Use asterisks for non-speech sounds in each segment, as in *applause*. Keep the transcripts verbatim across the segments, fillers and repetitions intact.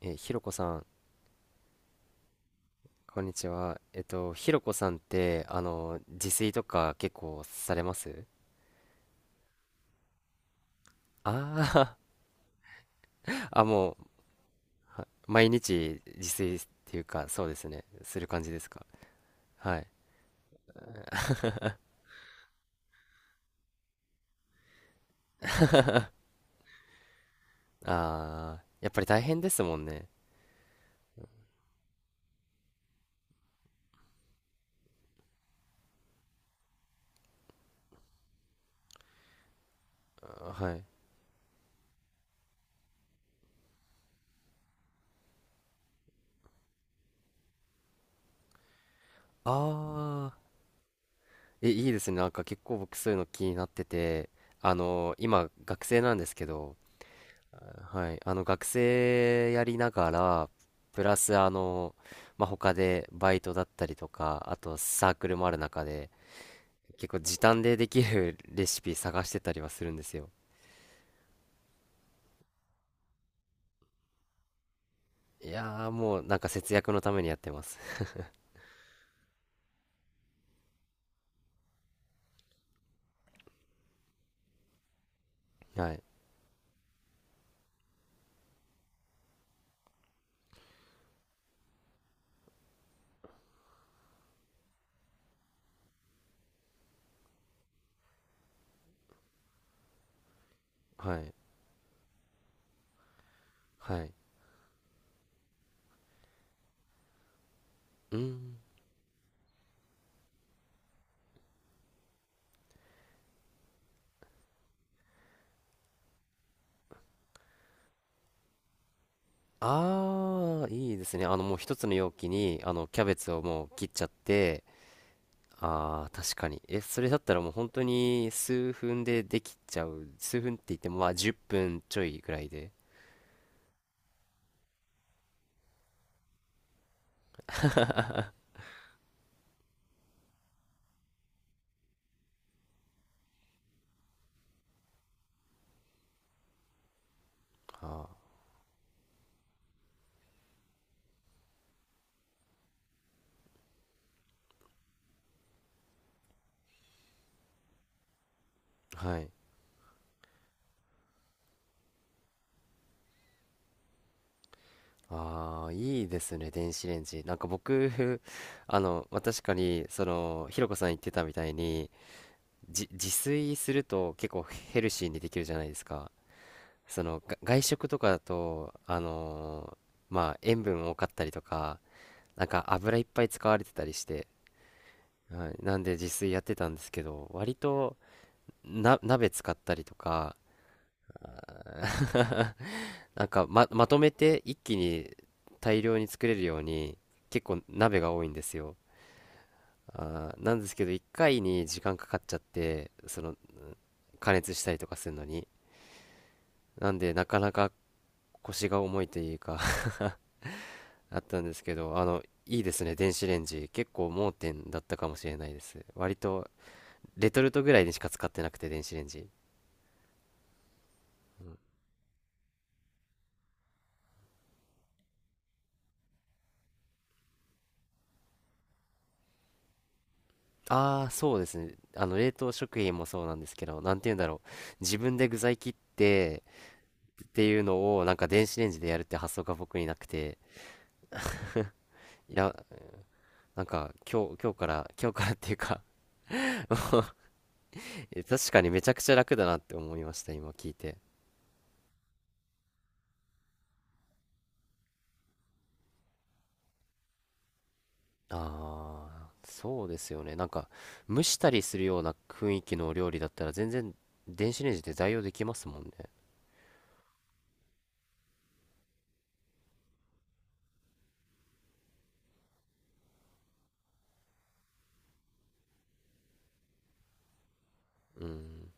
えー、ひろこさん、こんにちは。えっと、ひろこさんって、あの、自炊とか結構されます？ああー、*laughs* あ、もう、毎日自炊っていうか、そうですね。する感じですか？はい。ああ、やっぱり大変ですもんね。あ、はい。ああ、え、いいですね。なんか結構僕そういうの気になってて、あの、今、学生なんですけど、はい、あの学生やりながら、プラスあの、まあ、他でバイトだったりとか、あとサークルもある中で、結構時短でできるレシピ探してたりはするんですよ。いやー、もうなんか節約のためにやってます。*laughs* はい、はい、はい。うん。あー、いいですね。あのもう一つの容器に、あのキャベツをもう切っちゃって、ああ、確かに。え、それだったらもう本当に数分でできちゃう。数分って言ってもまあじゅっぷんちょいぐらいで。ああ、はい。ああ、いいですね、電子レンジ。なんか僕、*laughs* あの、まあ、確かに、その、ひろこさん言ってたみたいに、じ、自炊すると結構ヘルシーにできるじゃないですか。その、が外食とかだと、あのーまあ、塩分多かったりとか、なんか油いっぱい使われてたりして、はい、なんで自炊やってたんですけど割とな、鍋使ったりとか、あー、 *laughs* なんかま、まとめて一気に大量に作れるように結構鍋が多いんですよ。あーなんですけど、一回に時間かかっちゃって、その加熱したりとかするのに、なんでなかなか腰が重いというか、 *laughs* あったんですけど、あのいいですね、電子レンジ。結構盲点だったかもしれないです。割とレトルトぐらいにしか使ってなくて、電子レンジ。うん。ああ、そうですね。あの、冷凍食品もそうなんですけど、なんて言うんだろう。自分で具材切ってっていうのを、なんか電子レンジでやるって発想が僕になくて、いや、なんか今日、今日から、今日からっていうか、 *laughs* え、確かにめちゃくちゃ楽だなって思いました、今聞いて。ああ、そうですよね。なんか、蒸したりするような雰囲気のお料理だったら、全然電子レンジで代用できますもんね。うん。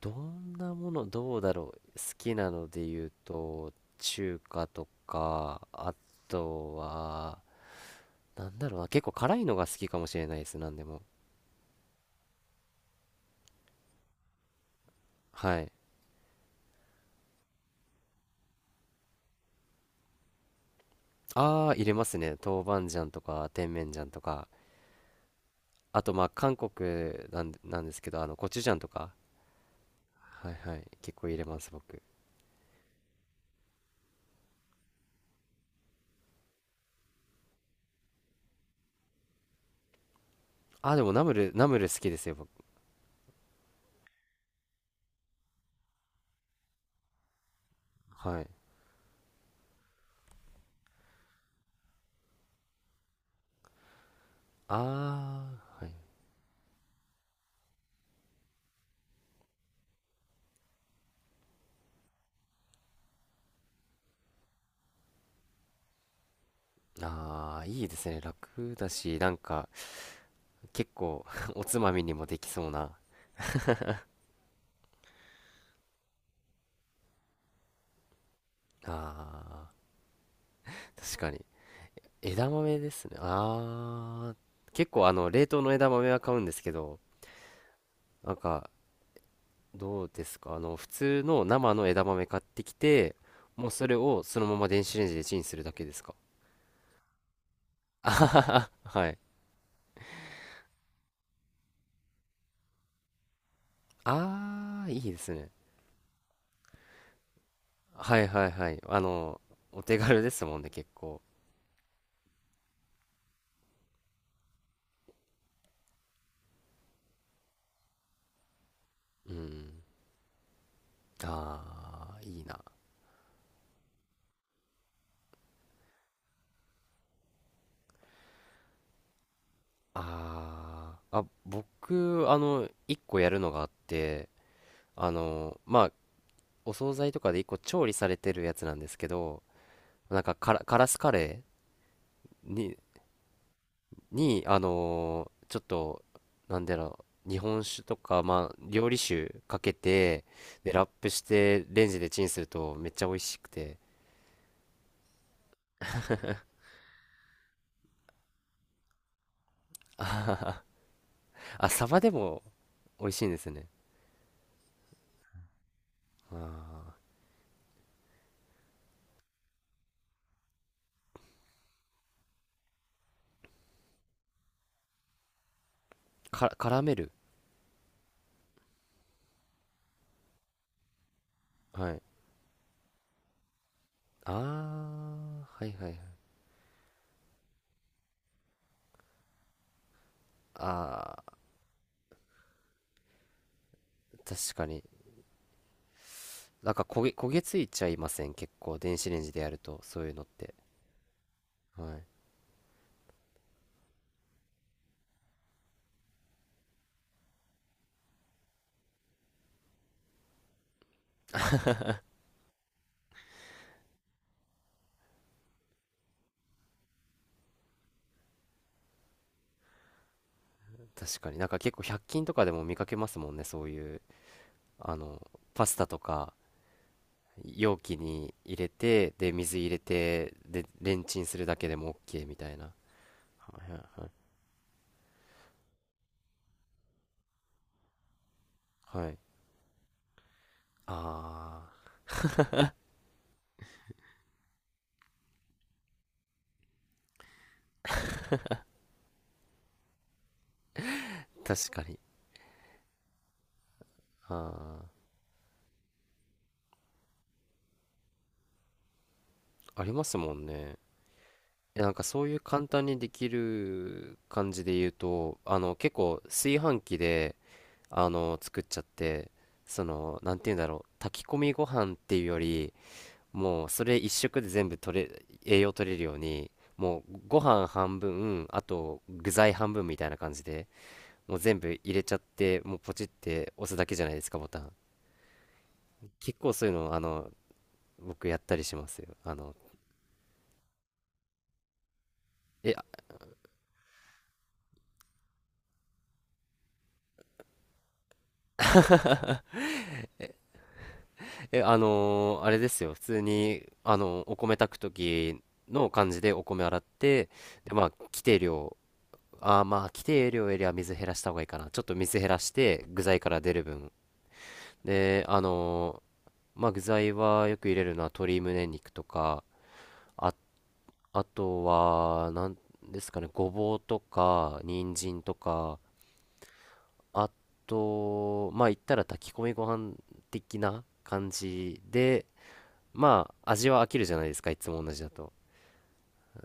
どんなもの、どうだろう。好きなので言うと、中華とか、あとは、なんだろうな、結構辛いのが好きかもしれないです、なんでも。はい。ああ、入れますね。豆板醤とか、甜麺醤とか。あと、まあ、韓国なんで、なんですけど、あの、コチュジャンとか。はいはい。結構入れます、僕。ああ、でもナムル、ナムル好きですよ、僕。はい。ああ、はい。ああ、いいですね。楽だし、なんか、結構 *laughs* おつまみにもできそうな。あー、確かに。枝豆ですね。あー、結構あの冷凍の枝豆は買うんですけど、なんかどうですか、あの普通の生の枝豆買ってきて、もうそれをそのまま電子レンジでチンするだけですか？あははは、 *laughs* はい。あー、いいですね。はいはいはい。あのお手軽ですもんね、結構。うん。あー、いいな。あー、あ、僕、あの一個やるのがあって、あのまあ、お惣菜とかで一個調理されてるやつなんですけど、なんかカラ、カラスカレーに、に、あのーちょっと、なんだろう、日本酒とか、まあ、料理酒かけて、で、ラップして、レンジでチンするとめっちゃ美味しくて。あはは、あ、サバでも美味しいんですね。あー、か、絡める。はい。ああ、はいはいはい。ああ、確かに。なんか焦げ、焦げついちゃいません。結構、電子レンジでやると、そういうのって。はい。確かに、なんか結構ひゃく均とかでも見かけますもんね、そういう、あのパスタとか。容器に入れて、で、水入れて、で、レンチンするだけでも OK みたいな。はいはいはいはい。ああ、確かに。ああ、ありますもんね。え、なんかそういう簡単にできる感じで言うと、あの結構炊飯器で、あの作っちゃって、そのなんて言うんだろう、炊き込みご飯っていうより、もうそれ一食で全部取れ、栄養取れるように、もうご飯半分、あと具材半分みたいな感じで、もう全部入れちゃって、もうポチって押すだけじゃないですか、ボタン。結構そういうの、あの、僕やったりしますよ。あの、え、あえ、あのーあれですよ。普通に、あの、お米炊く時の感じでお米洗って、で、まあ、規定量、あーまあ、規定量よりは水減らした方がいいかな。ちょっと水減らして、具材から出る分。で、あのまあ、具材はよく入れるのは鶏胸肉とか、あ、あとは、なんですかね、ごぼうとか、人参とか、あと、まあ言ったら炊き込みご飯的な感じで、まあ味は飽きるじゃないですか、いつも同じだと。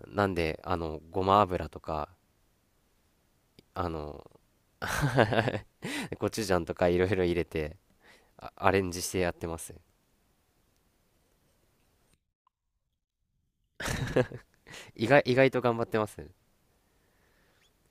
なんで、あの、ごま油とか、あの *laughs*、コチュジャンとかいろいろ入れて、あアレンジしてやってます。意外、意外と頑張ってますね